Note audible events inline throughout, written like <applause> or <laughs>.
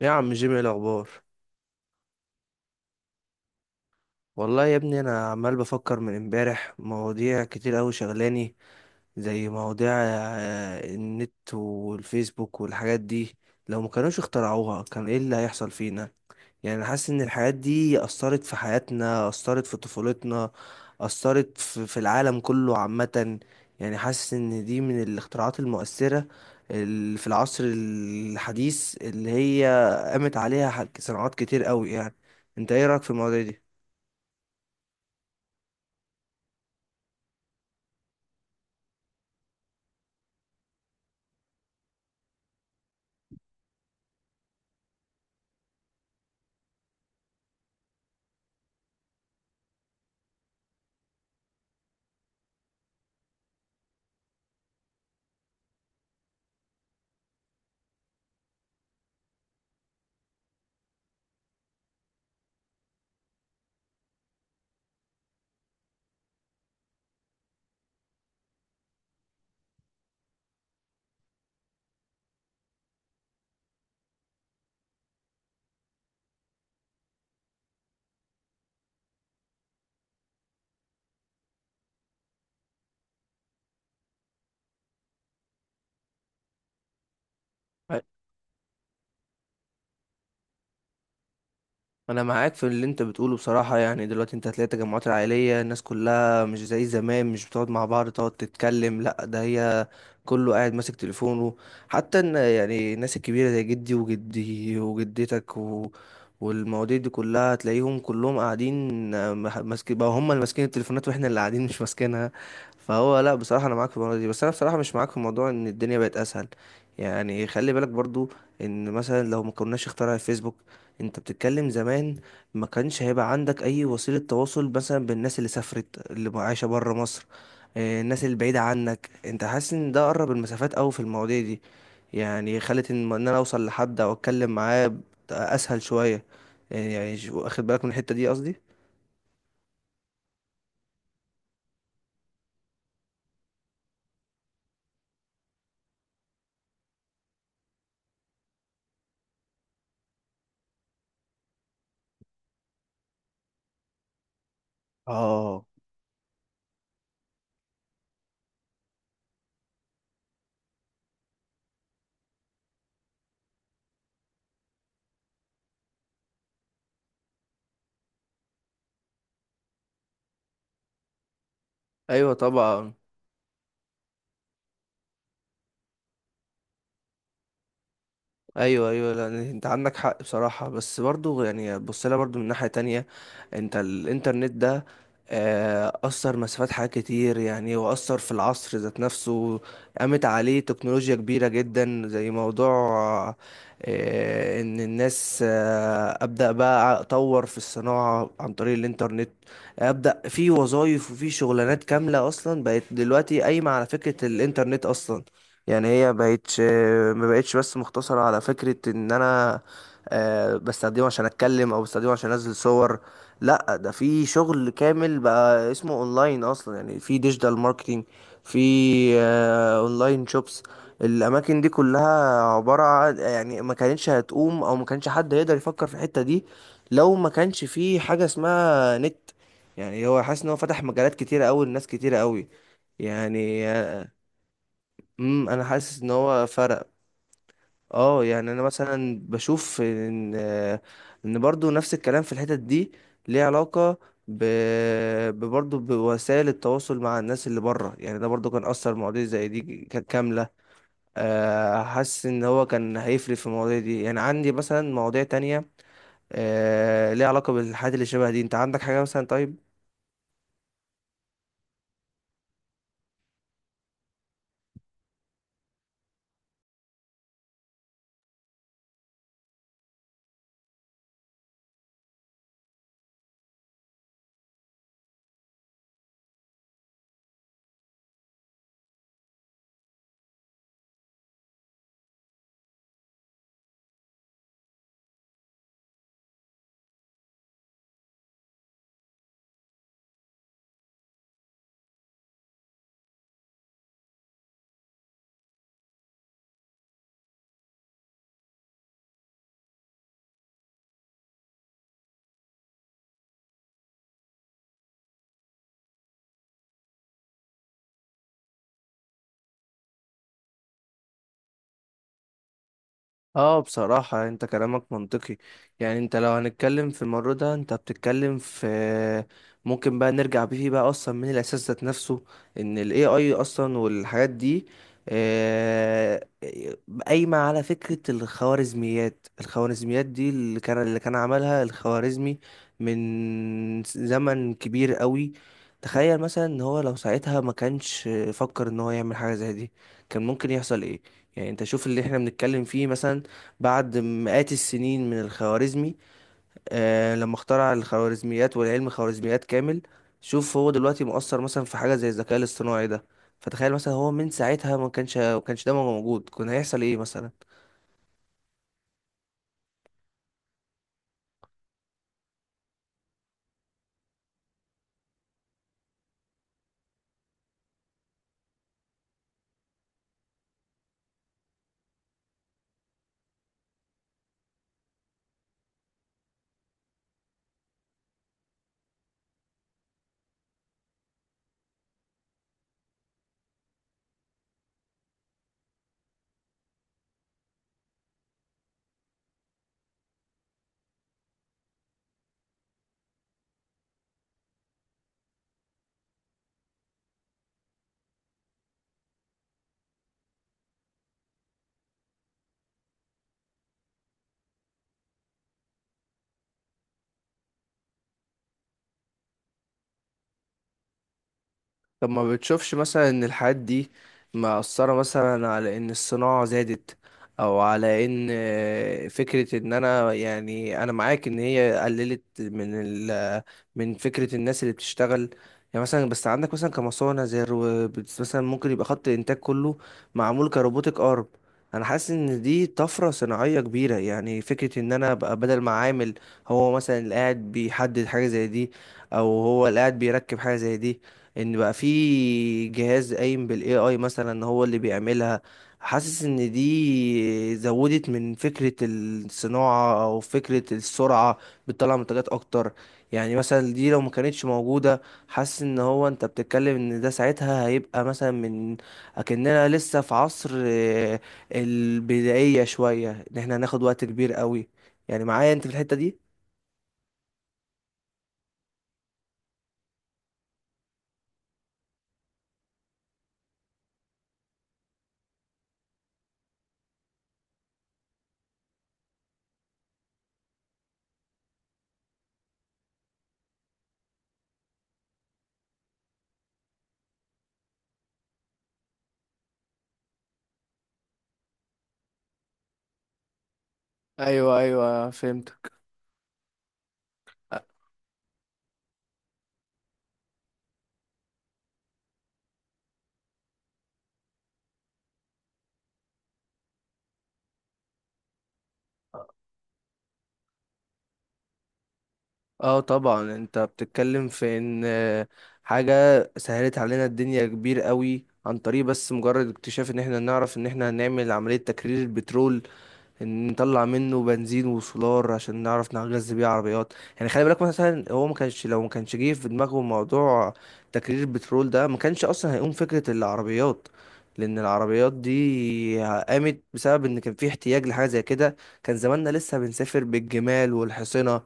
يا عم جيمي، إيه الاخبار؟ والله يا ابني انا عمال بفكر من امبارح مواضيع كتير قوي شغلاني، زي مواضيع النت والفيسبوك والحاجات دي. لو ما كانوش اخترعوها كان ايه اللي هيحصل فينا؟ يعني أنا حاسس ان الحاجات دي اثرت في حياتنا، اثرت في طفولتنا، اثرت في العالم كله عامة. يعني حاسس ان دي من الاختراعات المؤثرة اللي في العصر الحديث، اللي هي قامت عليها صناعات كتير قوي. يعني انت ايه رأيك في المواضيع دي؟ انا معاك في اللي انت بتقوله بصراحه. يعني دلوقتي انت هتلاقي التجمعات العائليه، الناس كلها مش زي زمان، مش بتقعد مع بعض تقعد تتكلم، لا ده هي كله قاعد ماسك تليفونه. حتى ان يعني الناس الكبيره زي جدي وجدي وجدتك و... والمواضيع دي كلها، هتلاقيهم كلهم قاعدين، ماسك بقى، هم اللي ماسكين التليفونات واحنا اللي قاعدين <laughs> مش ماسكينها. فهو لا بصراحه انا معاك في الموضوع دي، بس انا بصراحه مش معاك في موضوع ان الدنيا بقت اسهل. يعني خلي بالك برضو ان مثلا لو ما كناش اخترع الفيسبوك، انت بتتكلم زمان، ما كانش هيبقى عندك اي وسيلة تواصل مثلا بالناس اللي سافرت، اللي عايشة برا مصر. الناس اللي بعيدة عنك، انت حاسس ان ده قرب المسافات اوي في المواضيع دي. يعني خلت ان انا اوصل لحد او اتكلم معاه اسهل شوية. يعني واخد بالك من الحتة دي قصدي؟ اه. ايوه طبعا. ايوه، ايوه، لا انت عندك حق بصراحه، بس برضو يعني بص لها برضو من ناحيه تانية. انت الانترنت ده اثر مسافات حاجات كتير، يعني واثر في العصر ذات نفسه. قامت عليه تكنولوجيا كبيره جدا، زي موضوع ان الناس ابدا بقى اطور في الصناعه عن طريق الانترنت، ابدا في وظائف وفي شغلانات كامله اصلا بقت دلوقتي قايمه على فكره الانترنت اصلا. يعني هي بقتش، ما بقتش بس مقتصرة على فكرة ان انا بستخدمه عشان اتكلم او بستخدمه عشان انزل صور. لا ده في شغل كامل بقى اسمه اونلاين اصلا، يعني في ديجيتال ماركتينج، في اونلاين شوبس. الاماكن دي كلها عبارة عن يعني ما كانتش هتقوم او ما كانش حد يقدر يفكر في الحتة دي لو ما كانش في حاجة اسمها نت. يعني هو حاسس ان هو فتح مجالات كتيرة قوي لناس كتيرة قوي. يعني انا حاسس ان هو فرق. اه يعني انا مثلا بشوف ان ان برضو نفس الكلام في الحتت دي، ليه علاقة ب... برضه بوسائل التواصل مع الناس اللي بره. يعني ده برضو كان اثر مواضيع زي دي كاملة. حاسس ان هو كان هيفرق في المواضيع دي. يعني عندي مثلا مواضيع تانية ليها علاقة بالحاجات اللي شبه دي. انت عندك حاجة مثلا؟ طيب، اه بصراحة انت كلامك منطقي. يعني انت لو هنتكلم في المرة ده، انت بتتكلم في، ممكن بقى نرجع بيه بقى اصلا من الاساس ذات نفسه، ان ال AI اصلا والحاجات دي آه، قايمة على فكرة الخوارزميات. الخوارزميات دي اللي كان عملها الخوارزمي من زمن كبير قوي. تخيل مثلا ان هو لو ساعتها ما كانش فكر ان هو يعمل حاجة زي دي، كان ممكن يحصل ايه؟ يعني انت شوف اللي احنا بنتكلم فيه مثلا بعد مئات السنين من الخوارزمي. آه لما اخترع الخوارزميات والعلم خوارزميات كامل، شوف هو دلوقتي مؤثر مثلا في حاجة زي الذكاء الاصطناعي ده. فتخيل مثلا هو من ساعتها ما كانش ده موجود، كان هيحصل ايه مثلا؟ طب ما بتشوفش مثلا ان الحاجات دي مأثرة مثلا على ان الصناعة زادت؟ او على ان فكرة ان انا، يعني انا معاك ان هي قللت من من فكرة الناس اللي بتشتغل. يعني مثلا بس عندك مثلا كمصانع زي مثلا ممكن يبقى خط الانتاج كله معمول كروبوتك ارم. انا حاسس ان دي طفرة صناعية كبيرة، يعني فكرة ان انا ابقى بدل ما عامل، هو مثلا اللي قاعد بيحدد حاجة زي دي او هو اللي قاعد بيركب حاجة زي دي، ان بقى في جهاز قايم بالاي اي مثلا هو اللي بيعملها. حاسس ان دي زودت من فكرة الصناعة او فكرة السرعة، بتطلع منتجات اكتر. يعني مثلا دي لو ما كانتش موجودة، حاسس ان هو انت بتتكلم ان ده ساعتها هيبقى مثلا من اكننا لسه في عصر البدائية شوية، ان احنا هناخد وقت كبير قوي. يعني معايا انت في الحتة دي؟ ايوه، ايوه فهمتك. اه طبعا، انت بتتكلم في ان حاجة سهلت علينا الدنيا كبير قوي عن طريق بس مجرد اكتشاف ان احنا نعرف ان احنا هنعمل عملية تكرير البترول. ان نطلع منه بنزين وسولار عشان نعرف نغذي بيه عربيات. يعني خلي بالك مثلا هو ما كانش، لو ما كانش جه في دماغه موضوع تكرير البترول ده، ما كانش اصلا هيقوم فكرة العربيات. لان العربيات دي قامت بسبب ان كان في احتياج لحاجة زي كده. كان زماننا لسه بنسافر بالجمال والحصنة.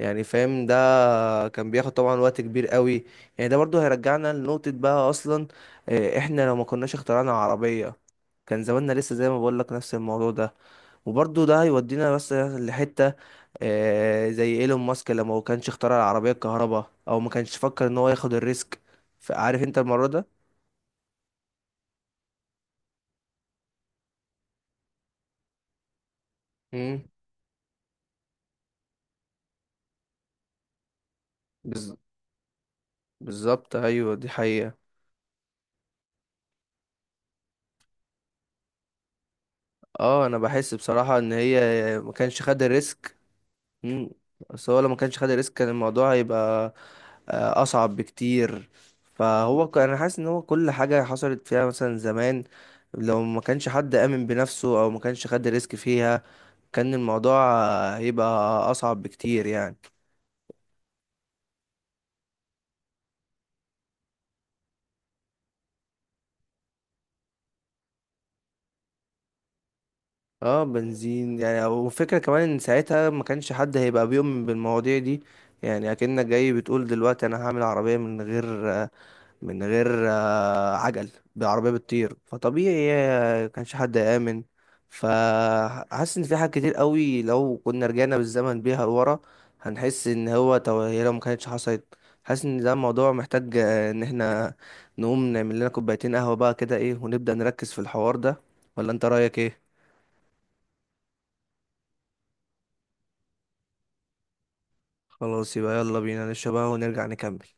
يعني فاهم؟ ده كان بياخد طبعا وقت كبير قوي. يعني ده برضو هيرجعنا لنقطة بقى اصلا، احنا لو ما كناش اخترعنا عربية، كان زماننا لسه زي ما بقول لك نفس الموضوع ده. وبرضه ده هيودينا بس لحتة زي ايلون ماسك لما هو كانش اخترع العربية الكهرباء او ما كانش فكر ان هو ياخد الريسك. فعارف انت المرة ده. مم. بز- بالظبط، ايوه دي حقيقة. اه انا بحس بصراحة ان هي ما كانش خد الريسك. مم. بس هو لو ما كانش خد الريسك كان الموضوع هيبقى اصعب بكتير. فهو انا حاسس ان هو كل حاجة حصلت فيها مثلا زمان لو ما كانش حد آمن بنفسه او ما كانش خد الريسك فيها، كان الموضوع هيبقى اصعب بكتير يعني. اه بنزين يعني، وفكرة كمان ان ساعتها ما كانش حد هيبقى بيؤمن بالمواضيع دي. يعني اكنك جاي بتقول دلوقتي انا هعمل عربية من غير، من غير عجل، بعربية بتطير. فطبيعي كانش حد آمن. فحاسس ان في حاجات كتير قوي لو كنا رجعنا بالزمن بيها لورا، هنحس ان هو طب هي لو ما كانتش حصلت. حاسس ان ده الموضوع محتاج ان احنا نقوم نعمل لنا كوبايتين قهوة بقى كده ايه ونبدأ نركز في الحوار ده. ولا انت رأيك ايه؟ خلاص، يبقى يلا بينا نشرب قهوة ونرجع نكمل.